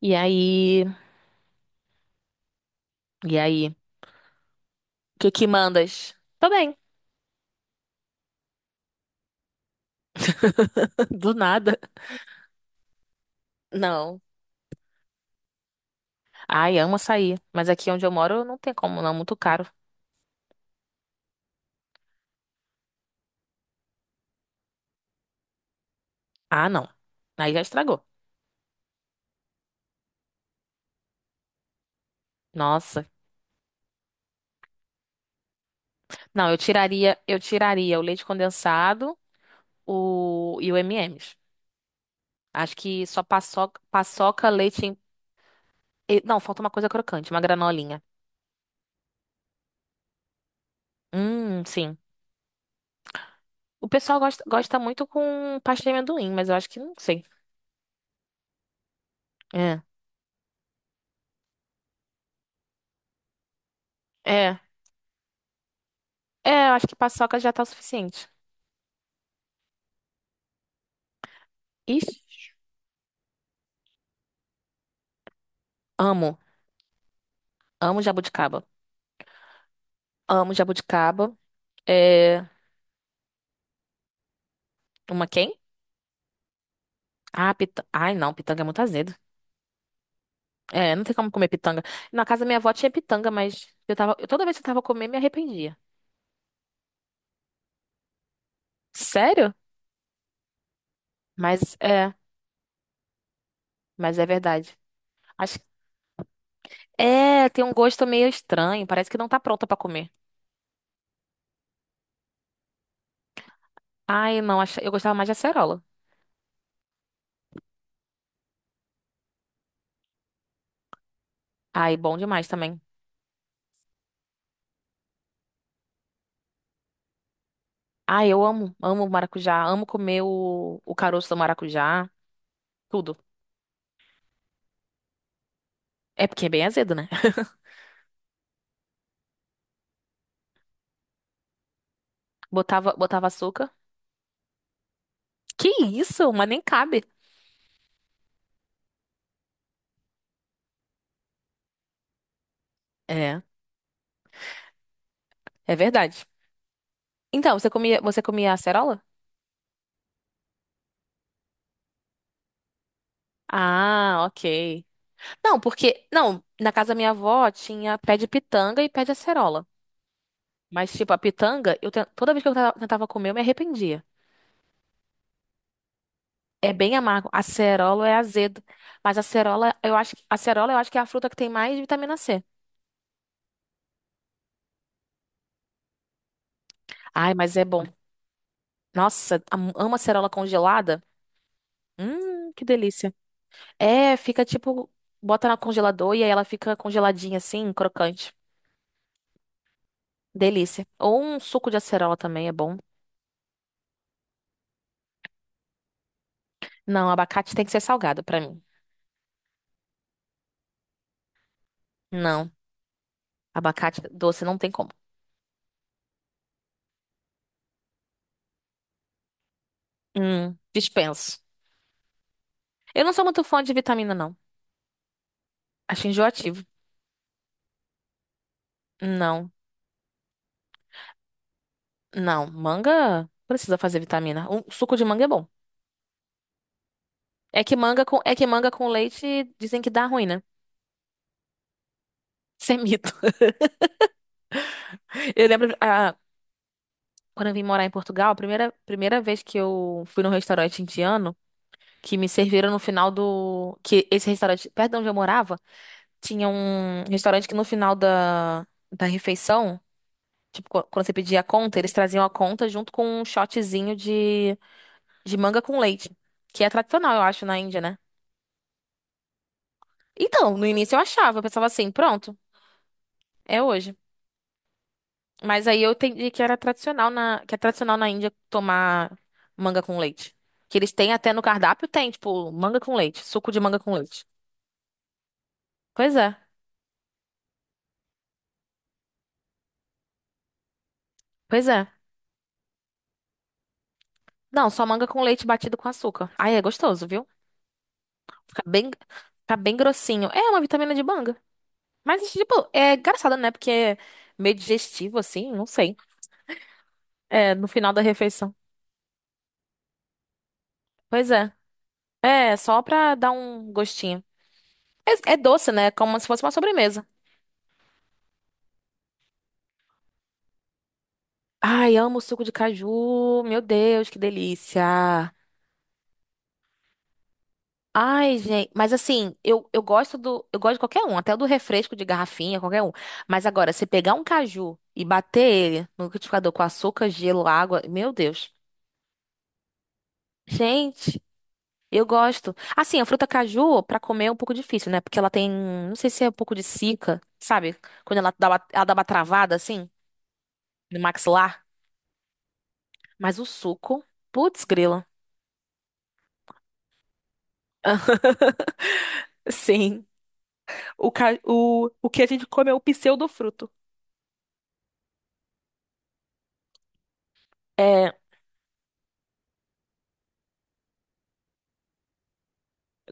E aí? E aí? O que que mandas? Tô bem. Do nada. Não. Ai, amo açaí. Mas aqui onde eu moro não tem como, não. Muito caro. Ah, não. Aí já estragou. Nossa. Não, eu tiraria o leite condensado, o e o M&M's. Acho que só paçoca, paçoca, leite em... Não, falta uma coisa crocante, uma granolinha. Sim. O pessoal gosta, gosta muito com pasta de amendoim, mas eu acho que não sei. É. É. É, eu acho que paçoca já tá o suficiente. Ixi, amo. Amo jabuticaba. Amo jabuticaba. É... Uma quem? Ah, pitanga. Ai, não, pitanga é muito azedo. É, não tem como comer pitanga. Na casa da minha avó tinha pitanga, mas toda vez que eu tava comendo, me arrependia. Sério? Mas é, mas é verdade. Acho é, tem um gosto meio estranho, parece que não tá pronta pra comer. Ai, não, eu gostava mais de acerola. Ai, bom demais também. Ai, eu amo maracujá, amo comer o caroço do maracujá, tudo. É porque é bem azedo, né? Botava, botava açúcar. Que isso? Mas nem cabe. É, é verdade. Então, você comia acerola? Ah, ok. Não, porque, não, na casa da minha avó tinha pé de pitanga e pé de acerola. Mas, tipo, a pitanga, toda vez que tentava comer, eu me arrependia. É bem amargo. Acerola é azedo. Mas acerola, eu acho que é a fruta que tem mais vitamina C. Ai, mas é bom. Nossa, amo acerola congelada. Que delícia. É, fica tipo, bota na congelador e aí ela fica congeladinha assim, crocante. Delícia. Ou um suco de acerola também é bom. Não, abacate tem que ser salgado pra mim. Não, abacate doce não tem como. Dispenso. Eu não sou muito fã de vitamina, não. Acho enjoativo. Não, não. Manga precisa fazer vitamina. Um suco de manga é bom. É que manga com leite dizem que dá ruim, né? Isso é mito. Eu lembro, quando eu vim morar em Portugal, a primeira, primeira vez que eu fui num restaurante indiano, que me serviram no final do. Que esse restaurante, perto de onde eu morava, tinha um restaurante que no final da, refeição, tipo, quando você pedia a conta, eles traziam a conta junto com um shotzinho de manga com leite, que é tradicional, eu acho, na Índia, né? Então, no início eu achava, eu pensava assim, pronto, é hoje. Mas aí eu entendi que é tradicional na Índia tomar manga com leite. Que eles têm até no cardápio, tem, tipo, manga com leite, suco de manga com leite. Pois é, pois é. Não, só manga com leite batido com açúcar. Aí é gostoso, viu? Fica bem, fica bem grossinho. É uma vitamina de manga. Mas, tipo, é engraçado, né? Porque é meio digestivo, assim, não sei. É, no final da refeição. Pois é. É, só pra dar um gostinho. É, é doce, né? Como se fosse uma sobremesa. Ai, amo o suco de caju. Meu Deus, que delícia. Ai, gente, mas assim, eu gosto de qualquer um, até o do refresco de garrafinha, qualquer um. Mas agora, se pegar um caju e bater ele no liquidificador com açúcar, gelo, água, meu Deus. Gente, eu gosto. Assim, a fruta caju pra comer é um pouco difícil, né? Porque ela tem, não sei se é um pouco de cica, sabe? Quando ela dá uma travada assim no maxilar, mas o suco, putz, grila. Sim, o que a gente come é o pseudofruto. É.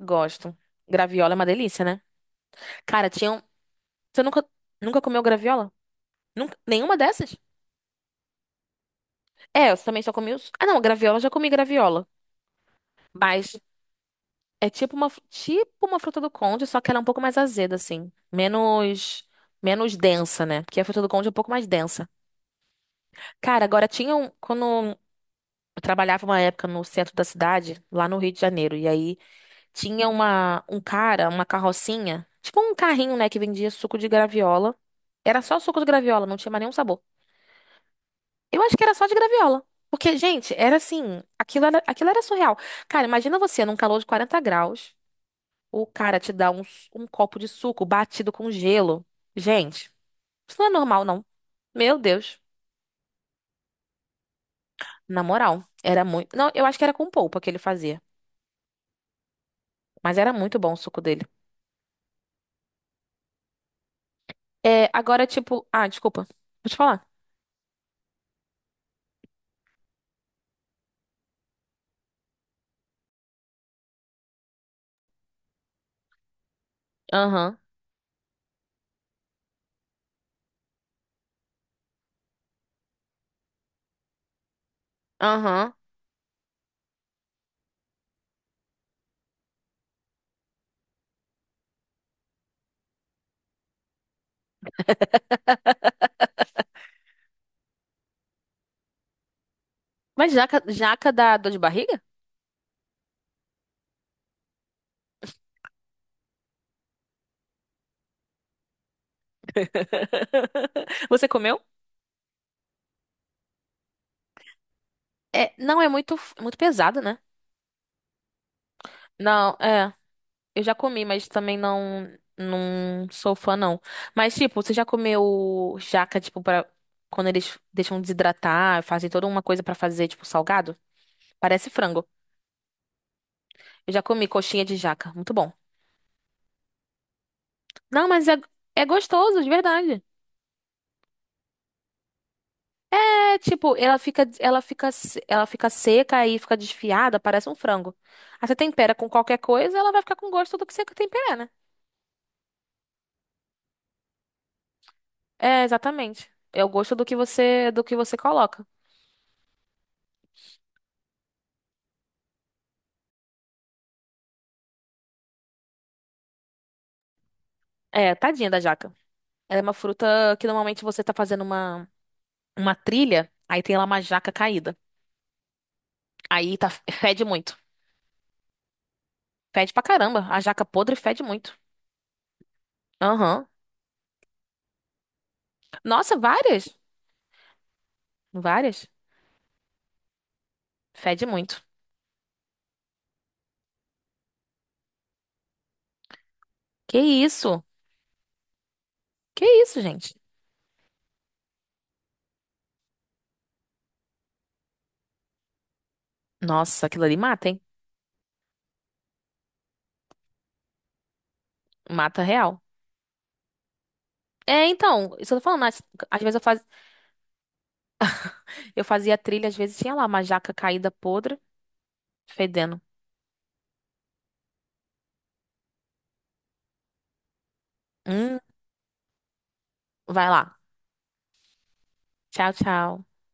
Gosto. Graviola é uma delícia, né? Cara, tinha um... Você nunca, nunca comeu graviola? Nunca... Nenhuma dessas? É, eu também só comi os... Ah, não, graviola, eu já comi graviola. Mas é tipo uma fruta do conde, só que ela é um pouco mais azeda, assim. Menos... Menos densa, né? Porque a fruta do conde é um pouco mais densa. Cara, agora tinha um... Quando eu trabalhava uma época no centro da cidade, lá no Rio de Janeiro, e aí tinha uma, um cara, uma carrocinha, tipo um carrinho, né, que vendia suco de graviola. Era só suco de graviola, não tinha mais nenhum sabor. Eu acho que era só de graviola. Porque, gente, era assim, aquilo era surreal. Cara, imagina você num calor de 40 graus, o cara te dá um copo de suco batido com gelo. Gente, isso não é normal, não. Meu Deus. Na moral, era muito. Não, eu acho que era com polpa que ele fazia. Mas era muito bom o suco dele. É, agora, tipo. Ah, desculpa. Vou te falar. Aham. Aham. Mas jaca, jaca dá dor de barriga? Você comeu? É, não, é muito, muito pesado, né? Não, é. Eu já comi, mas também não, não sou fã, não. Mas, tipo, você já comeu jaca, tipo, pra quando eles deixam desidratar, fazem toda uma coisa pra fazer, tipo, salgado? Parece frango. Eu já comi coxinha de jaca. Muito bom. Não, mas é, é gostoso, de verdade. É tipo, ela fica, se- ela fica seca e fica desfiada, parece um frango. Aí você tempera com qualquer coisa, ela vai ficar com gosto do que você tempera, né? É, exatamente. É o gosto do que você coloca. É, tadinha da jaca. Ela é uma fruta que normalmente você tá fazendo uma trilha, aí tem lá uma jaca caída. Aí tá, fede muito. Fede pra caramba. A jaca podre fede muito. Aham. Nossa, várias? Várias? Fede muito. Que isso? Que isso, gente? Nossa, aquilo ali mata, hein? Mata real. É, então, isso eu tô falando. Às vezes eu fazia trilha, às vezes tinha lá uma jaca caída podre, fedendo. Hum, vai lá. Tchau, tchau.